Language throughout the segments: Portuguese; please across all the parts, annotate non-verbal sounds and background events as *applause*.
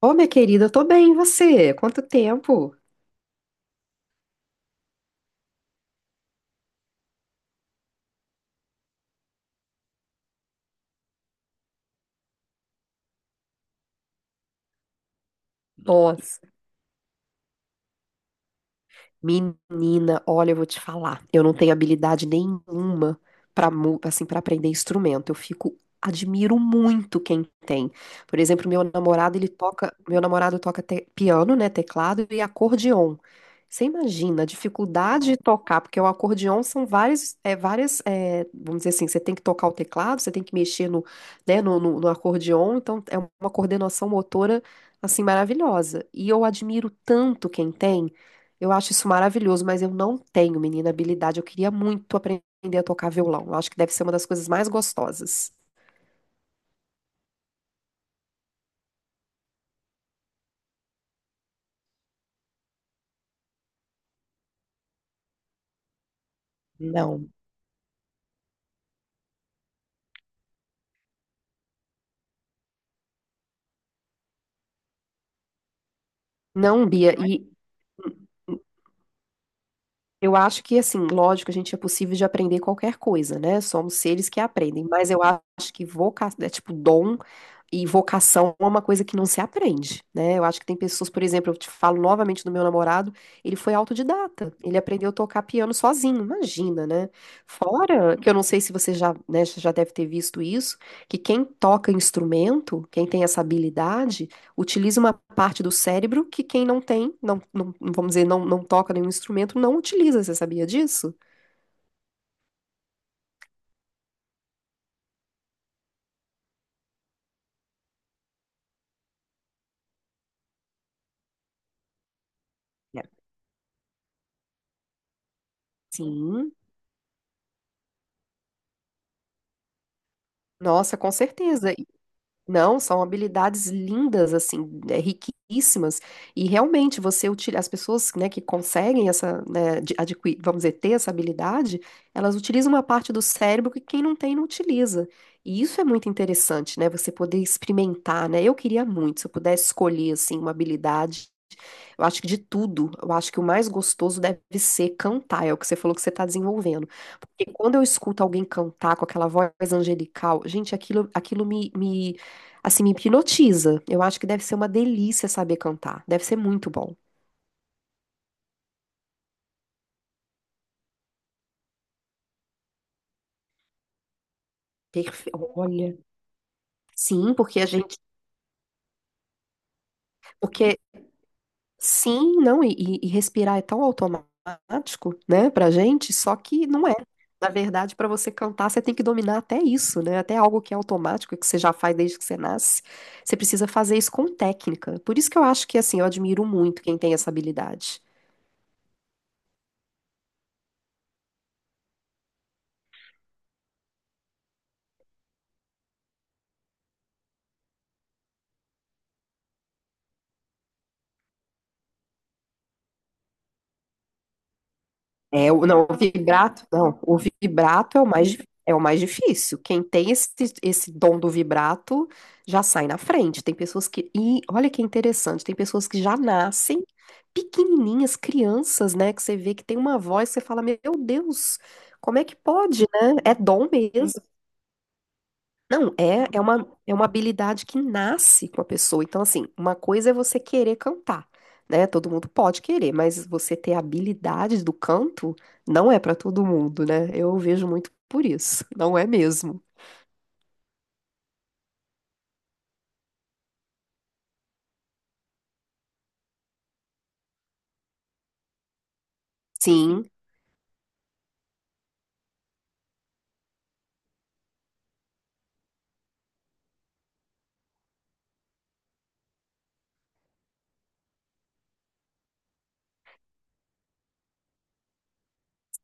Ô, minha querida, eu tô bem, e você? Quanto tempo? Nossa, menina, olha, eu vou te falar. Eu não tenho habilidade nenhuma para assim para aprender instrumento. Eu fico admiro muito quem tem. Por exemplo, meu namorado, ele toca, meu namorado toca piano, né, teclado e acordeon. Você imagina a dificuldade de tocar, porque o acordeon são várias, várias, vamos dizer assim, você tem que tocar o teclado, você tem que mexer né, no acordeon, então é uma coordenação motora assim maravilhosa. E eu admiro tanto quem tem. Eu acho isso maravilhoso, mas eu não tenho, menina, habilidade. Eu queria muito aprender a tocar violão. Eu acho que deve ser uma das coisas mais gostosas. Não. Não, Bia, é e Eu acho que, assim, lógico, a gente é possível de aprender qualquer coisa, né? Somos seres que aprendem, mas eu acho que vocação, é tipo dom e vocação é uma coisa que não se aprende, né? Eu acho que tem pessoas, por exemplo, eu te falo novamente do meu namorado, ele foi autodidata, ele aprendeu a tocar piano sozinho, imagina, né? Fora que eu não sei se você já, né, já deve ter visto isso, que quem toca instrumento, quem tem essa habilidade utiliza uma parte do cérebro que quem não tem, vamos dizer, não toca nenhum instrumento, não utiliza. Você sabia disso? É. Sim. Nossa, com certeza. Não, são habilidades lindas, assim, é, riquíssimas. E realmente você utiliza, as pessoas, né, que conseguem essa, né, vamos dizer, ter essa habilidade, elas utilizam uma parte do cérebro que quem não tem não utiliza. E isso é muito interessante, né? Você poder experimentar, né? Eu queria muito, se eu pudesse escolher, assim, uma habilidade. Eu acho que de tudo, eu acho que o mais gostoso deve ser cantar, é o que você falou que você está desenvolvendo. Porque quando eu escuto alguém cantar com aquela voz angelical, gente, aquilo, aquilo me, me assim, me hipnotiza. Eu acho que deve ser uma delícia saber cantar. Deve ser muito bom. Olha, sim, porque a gente. Porque sim, não, e respirar é tão automático, né, pra gente, só que não é. Na verdade, para você cantar, você tem que dominar até isso, né? Até algo que é automático, que você já faz desde que você nasce. Você precisa fazer isso com técnica. Por isso que eu acho que, assim, eu admiro muito quem tem essa habilidade. É, não, o vibrato, não, o vibrato é o mais, é o mais difícil. Quem tem esse dom do vibrato já sai na frente. Tem pessoas que, e olha que interessante, tem pessoas que já nascem pequenininhas, crianças, né, que você vê que tem uma voz, você fala, meu Deus, como é que pode, né? É dom mesmo. Não, é, é uma habilidade que nasce com a pessoa. Então, assim, uma coisa é você querer cantar, né? Todo mundo pode querer, mas você ter a habilidade do canto não é para todo mundo, né? Eu vejo muito por isso. Não é mesmo. Sim.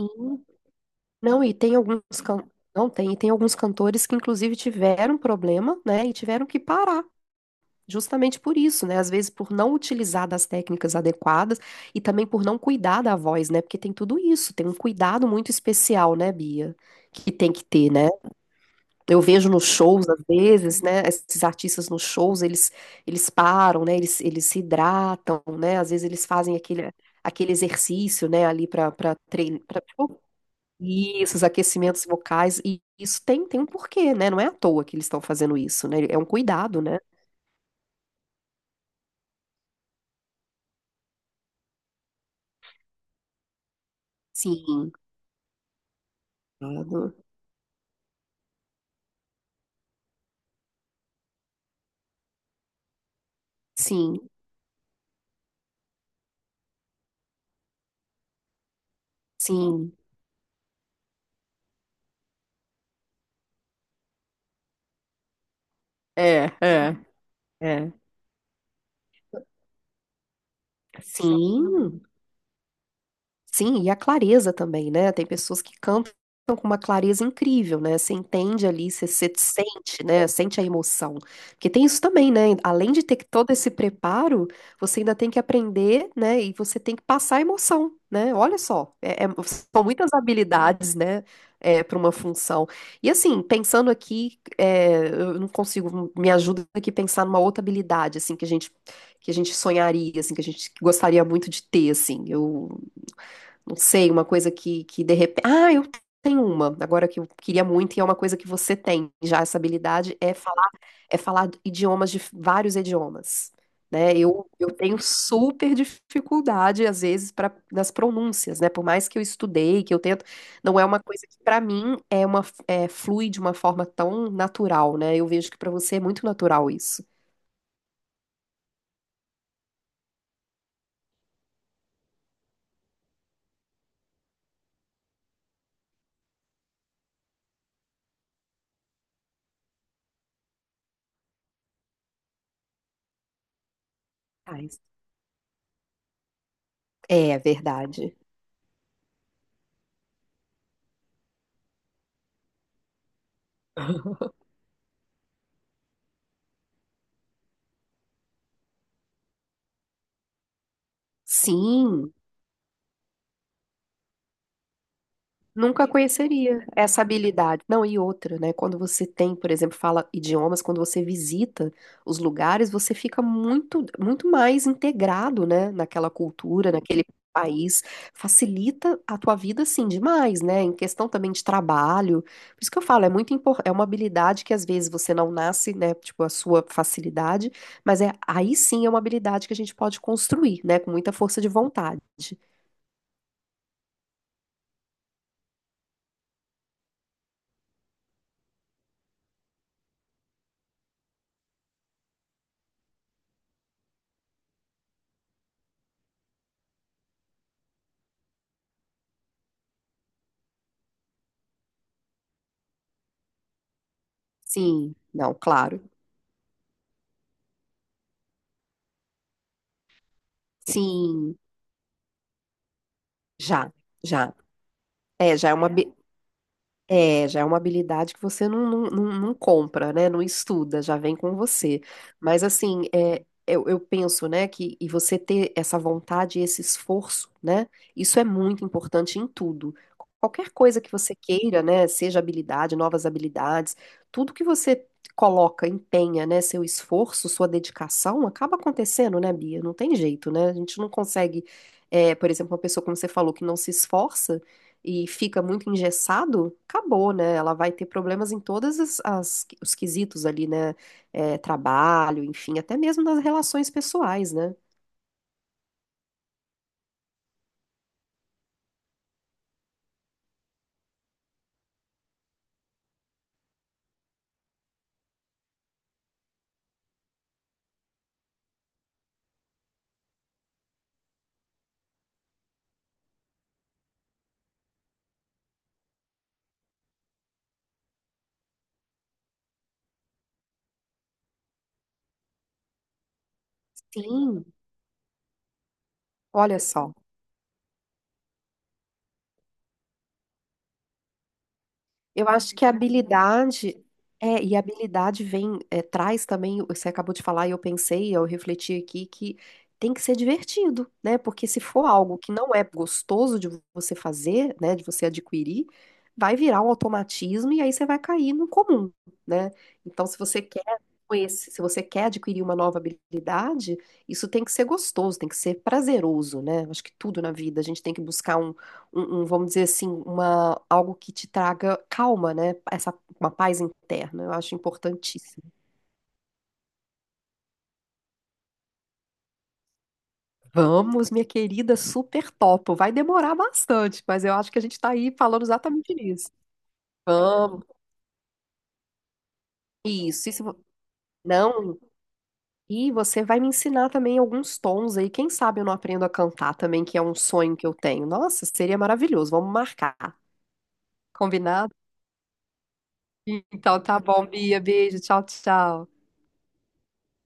Sim. Não, e tem alguns não tem, e tem alguns cantores que inclusive tiveram problema, né? E tiveram que parar justamente por isso, né? Às vezes por não utilizar das técnicas adequadas e também por não cuidar da voz, né? Porque tem tudo isso, tem um cuidado muito especial, né, Bia? Que tem que ter, né? Eu vejo nos shows, às vezes, né? Esses artistas nos shows, eles param, né? Eles se hidratam, né? Às vezes eles fazem aquele, aquele exercício, né? Ali para treinar, para esses aquecimentos vocais. E isso tem, tem um porquê, né? Não é à toa que eles estão fazendo isso, né? É um cuidado, né? Sim. Cuidado. Sim, sim. É, é, é. Sim, sim, e a clareza também, né? Tem pessoas que cantam com uma clareza incrível, né? Você entende ali, você, você sente, né? Sente a emoção. Porque tem isso também, né? Além de ter que todo esse preparo, você ainda tem que aprender, né? E você tem que passar a emoção, né? Olha só, são muitas habilidades, né? É, para uma função. E assim, pensando aqui, é, eu não consigo, me ajuda aqui a pensar numa outra habilidade, assim, que a gente sonharia, assim, que a gente gostaria muito de ter, assim. Eu não sei, uma coisa que de repente. Ah, eu tenho uma, agora que eu queria muito, e é uma coisa que você tem já, essa habilidade é falar idiomas de vários idiomas. Né? Eu tenho super dificuldade, às vezes, para nas pronúncias, né? Por mais que eu estudei, que eu tento, não é uma coisa que, para mim, é uma, é, flui de uma forma tão natural, né? Eu vejo que para você é muito natural isso. Ah, isso- É, verdade. *laughs* Sim. Nunca conheceria essa habilidade. Não, e outra, né? Quando você tem, por exemplo, fala idiomas, quando você visita os lugares, você fica muito, muito mais integrado, né? Naquela cultura, naquele país. Facilita a tua vida, assim, demais, né? Em questão também de trabalho. Por isso que eu falo, é muito importante, é uma habilidade que às vezes você não nasce, né? Tipo, a sua facilidade, mas é aí sim é uma habilidade que a gente pode construir, né? Com muita força de vontade. Sim, não, claro. Sim. Já, já. É, já é uma, é, já é uma habilidade que você não compra, né? Não estuda, já vem com você. Mas assim, é, eu penso, né, que e você ter essa vontade, e esse esforço, né? Isso é muito importante em tudo. Qualquer coisa que você queira, né? Seja habilidade, novas habilidades, tudo que você coloca, empenha, né? Seu esforço, sua dedicação, acaba acontecendo, né, Bia? Não tem jeito, né? A gente não consegue, é, por exemplo, uma pessoa, como você falou, que não se esforça e fica muito engessado, acabou, né? Ela vai ter problemas em todas os quesitos ali, né? É, trabalho, enfim, até mesmo nas relações pessoais, né? Sim. Olha só. Eu acho que a habilidade é, e a habilidade vem, é, traz também, você acabou de falar e eu pensei, eu refleti aqui que tem que ser divertido, né? Porque se for algo que não é gostoso de você fazer, né, de você adquirir, vai virar um automatismo e aí você vai cair no comum, né? Então, se você quer conhecer, se você quer adquirir uma nova habilidade, isso tem que ser gostoso, tem que ser prazeroso, né? Acho que tudo na vida a gente tem que buscar um, vamos dizer assim, uma, algo que te traga calma, né? Essa, uma paz interna, eu acho importantíssimo. Vamos, minha querida, super topo. Vai demorar bastante, mas eu acho que a gente está aí falando exatamente nisso. Vamos. Isso, isso. Não, e você vai me ensinar também alguns tons aí. Quem sabe eu não aprendo a cantar também, que é um sonho que eu tenho. Nossa, seria maravilhoso. Vamos marcar. Combinado? Então tá bom, Bia. Beijo. Tchau, tchau.